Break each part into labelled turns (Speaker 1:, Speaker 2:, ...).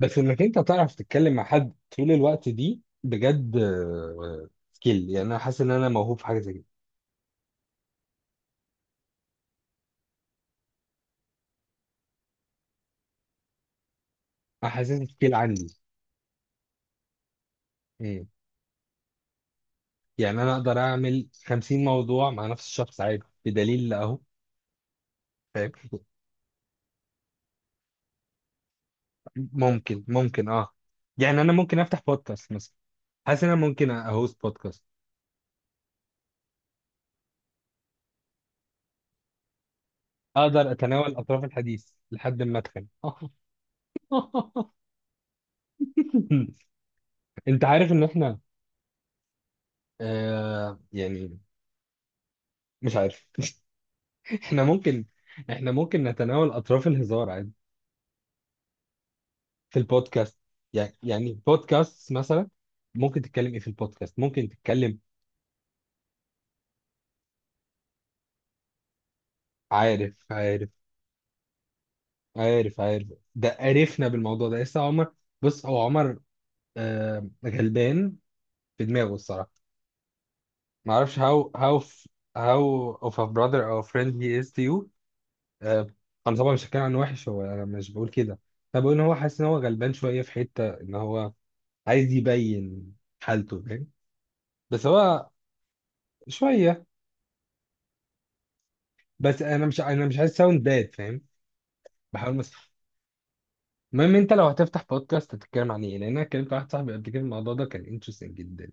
Speaker 1: بس انك انت تعرف تتكلم مع حد طول الوقت دي بجد، سكيل، يعني انا حاسس ان انا موهوب في حاجه زي كده. انا حاسس سكيل عندي. مم. يعني انا اقدر اعمل 50 موضوع مع نفس الشخص عادي، بدليل اهو. فاهم؟ ممكن اه. يعني انا ممكن افتح بودكاست مثلا. حاسس ان انا ممكن اهوست بودكاست. اقدر اتناول اطراف الحديث لحد ما اتخن. انت عارف ان احنا آه يعني مش عارف. احنا ممكن، احنا ممكن نتناول اطراف الهزار عادي، في البودكاست. يعني بودكاست مثلا. ممكن تتكلم ايه في البودكاست؟ ممكن تتكلم. عارف عارف عارف. ده عرفنا بالموضوع ده لسه عمر. بص، هو عمر غلبان في دماغه الصراحه. ما اعرفش how of a brother or friend he is to you. آه انا طبعا مش هتكلم عنه وحش، هو انا مش بقول كده. انا بقول ان هو حاسس ان هو غلبان شويه، في حته ان هو عايز يبين حالته. فاهم؟ بس هو شويه. بس انا مش عايز ساوند باد، فاهم؟ بحاول بس. المهم، انت لو هتفتح بودكاست هتتكلم عن ايه؟ لان انا كلمت واحد صاحبي قبل كده الموضوع ده كان انترستنج جدا.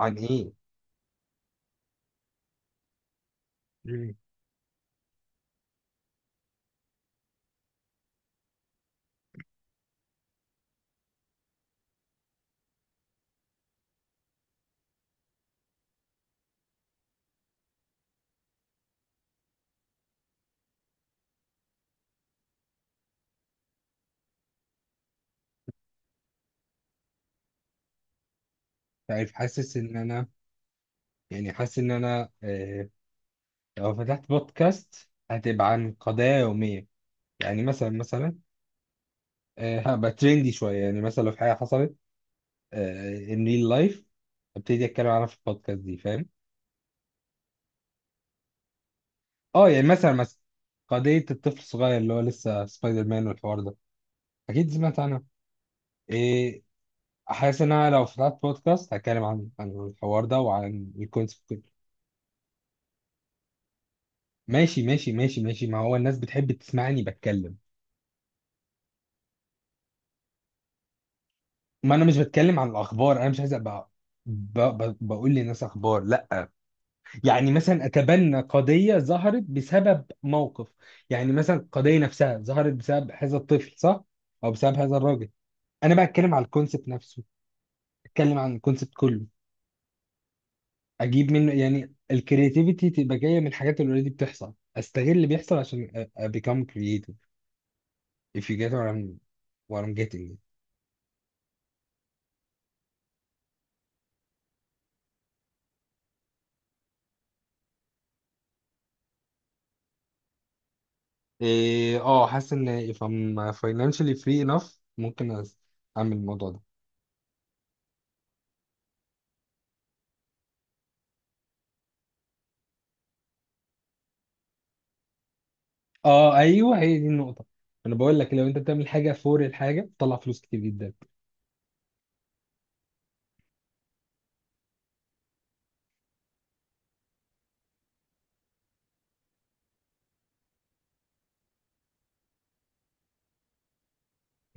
Speaker 1: عن ايه؟ مم. عارف، حاسس ان انا، يعني حاسس ان انا، لو فتحت بودكاست هتبقى عن قضايا يوميه. يعني مثلا، هبقى ترندي شويه. يعني مثلا لو في حاجه حصلت، ان ريل لايف، ابتدي اتكلم عنها في البودكاست دي، فاهم؟ اه يعني مثلا، قضيه الطفل الصغير اللي هو لسه سبايدر مان والحوار ده، اكيد سمعت عنها. إيه، حاسس ان انا لو فتحت بودكاست هتكلم عن الحوار ده وعن الكونسبت كله. ماشي. ما هو الناس بتحب تسمعني بتكلم. ما انا مش بتكلم عن الاخبار، انا مش عايز ابقى بقول للناس اخبار، لا. يعني مثلا اتبنى قضيه ظهرت بسبب موقف. يعني مثلا القضيه نفسها ظهرت بسبب هذا الطفل، صح؟ او بسبب هذا الراجل. انا بقى اتكلم عن الكونسبت نفسه. اتكلم عن الكونسبت كله. اجيب منه، يعني الكرياتيفيتي تبقى جايه من الحاجات اللي اوريدي بتحصل. استغل اللي بيحصل عشان become creative, if you get what I'm, what I'm getting. إيه، اه حاسس ان if I'm financially free enough ممكن اعمل الموضوع ده. اه ايوه، هي دي النقطه. انا بقول لك لو انت بتعمل حاجه فور الحاجه، بتطلع فلوس كتير جدا.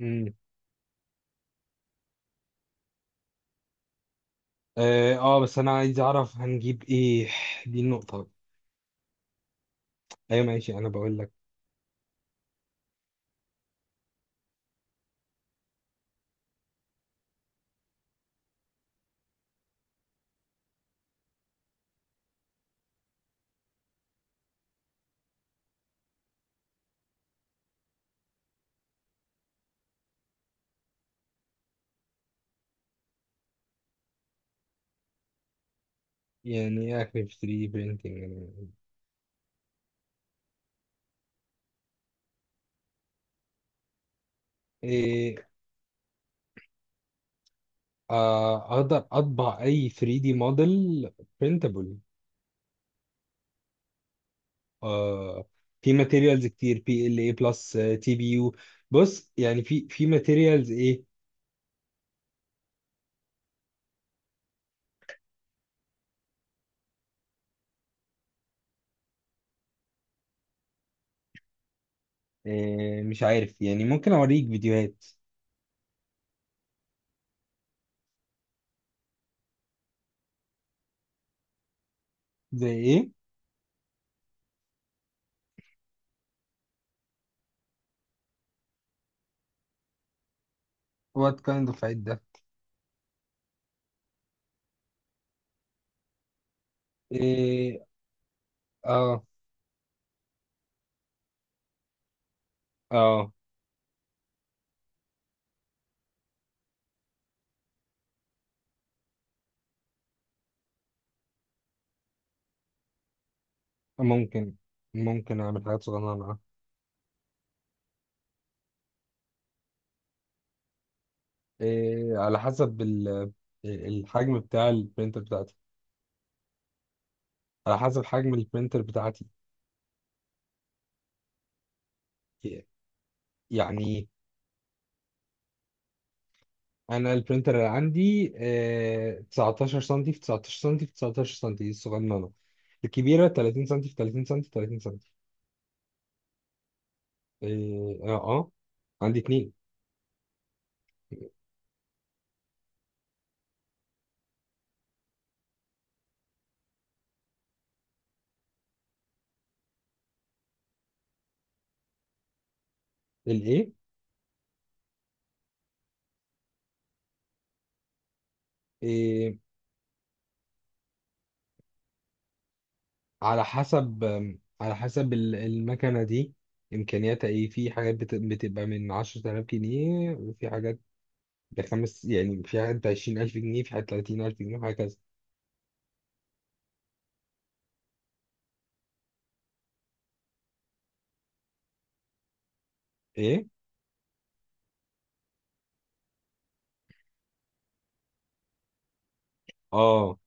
Speaker 1: امم. اه، بس انا عايز اعرف هنجيب ايه، دي النقطه. ايوه ماشي، انا بقول لك. يعني اكل في 3 printing يعني. إيه، اقدر اطبع اي 3 دي موديل برينتابل. في ماتيريالز كتير، بي ال اي بلس، تي بي يو. بص يعني في ماتيريالز ايه. مش عارف، يعني ممكن اوريك فيديوهات. زي ايه؟ وات كايند اوف عيد ده؟ إيه، اه اه. ممكن ممكن اعمل حاجات صغيرة معاه. إيه على حسب الحجم بتاع البرينتر بتاعتي. على حسب حجم البرينتر بتاعتي. يعني انا البرينتر اللي عندي 19 سم في 19 سم في 19 سم، دي الصغننه. الكبيره 30 سم في 30 سم في 30 سم. اه اه عندي اتنين. الايه؟ إيه على حسب على حسب المكنه دي امكانياتها ايه. في حاجات بتبقى من 10000 جنيه، وفي حاجات بخمس. يعني في حاجات ب 20000 جنيه، في حاجات 30000 جنيه وهكذا. ايه اه.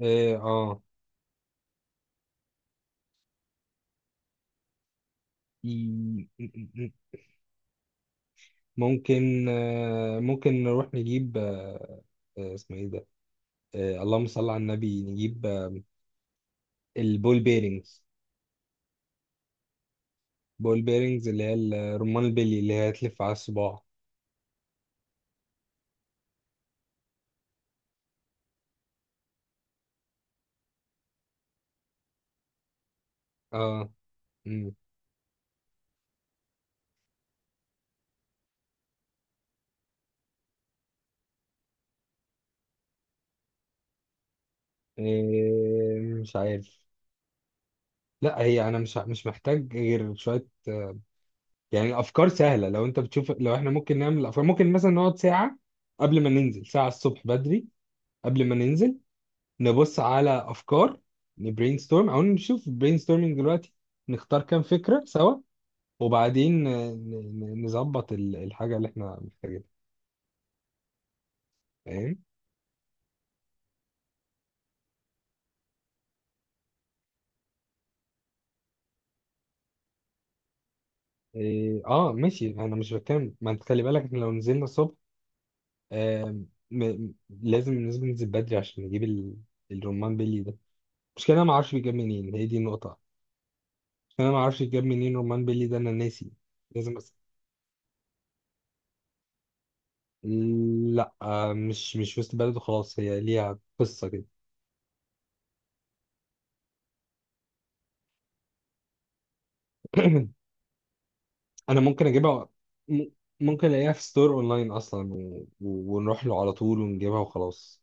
Speaker 1: ايه اه. ممكن ممكن نروح نجيب، اسمه ايه ده؟ اللهم صل على النبي. نجيب البول بيرنجز. بول بيرنجز اللي هي رمان البلي، اللي هي تلف على الصباع. اه. مم. مش عارف. لا، هي انا مش محتاج غير شويه يعني الافكار سهله. لو انت بتشوف لو احنا ممكن نعمل افكار، ممكن مثلا نقعد ساعه قبل ما ننزل، ساعه الصبح بدري قبل ما ننزل، نبص على افكار، نبرين ستورم، او نشوف برين ستورمنج دلوقتي، نختار كام فكره سوا. وبعدين نظبط الحاجه اللي احنا محتاجينها، فاهم؟ إيه اه ماشي. انا مش بتكلم، ما انت خلي بالك، احنا لو نزلنا الصبح، آم، م- م- لازم ننزل بدري عشان نجيب الرمان بيلي ده. مش كده، انا ما اعرفش بيجاب منين، هي دي النقطه. مش كده، انا ما اعرفش بيجاب منين رمان بيلي ده، انا ناسي. لازم أسأل. لا مش وسط بلد، خلاص هي ليها قصه كده. انا ممكن اجيبها. م- ممكن الاقيها في ستور اونلاين اصلا، ونروح له على طول ونجيبها وخلاص.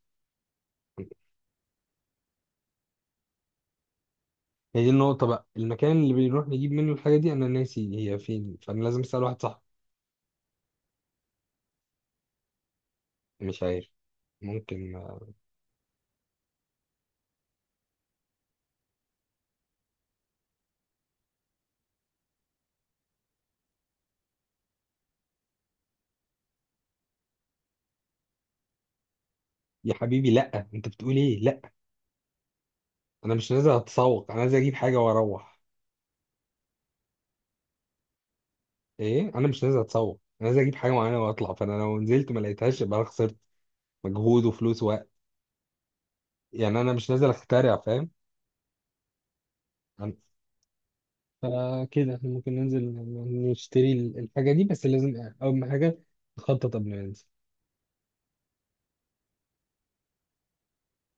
Speaker 1: هي دي النقطة بقى، المكان اللي بنروح نجيب منه الحاجة دي انا ناسي هي فين، فانا لازم اسأل واحد صاحبي. مش عارف. ممكن يا حبيبي لا، انت بتقول ايه؟ لا، انا مش نازل اتسوق، انا نازل اجيب حاجة واروح. ايه، انا مش نازل اتسوق، انا نازل اجيب حاجة معينة واطلع. فانا لو نزلت ما لقيتهاش يبقى انا خسرت مجهود وفلوس ووقت. يعني انا مش نازل اخترع، فاهم؟ فكده احنا ممكن ننزل نشتري الحاجة دي، بس لازم أول ما حاجة نخطط قبل ما ننزل.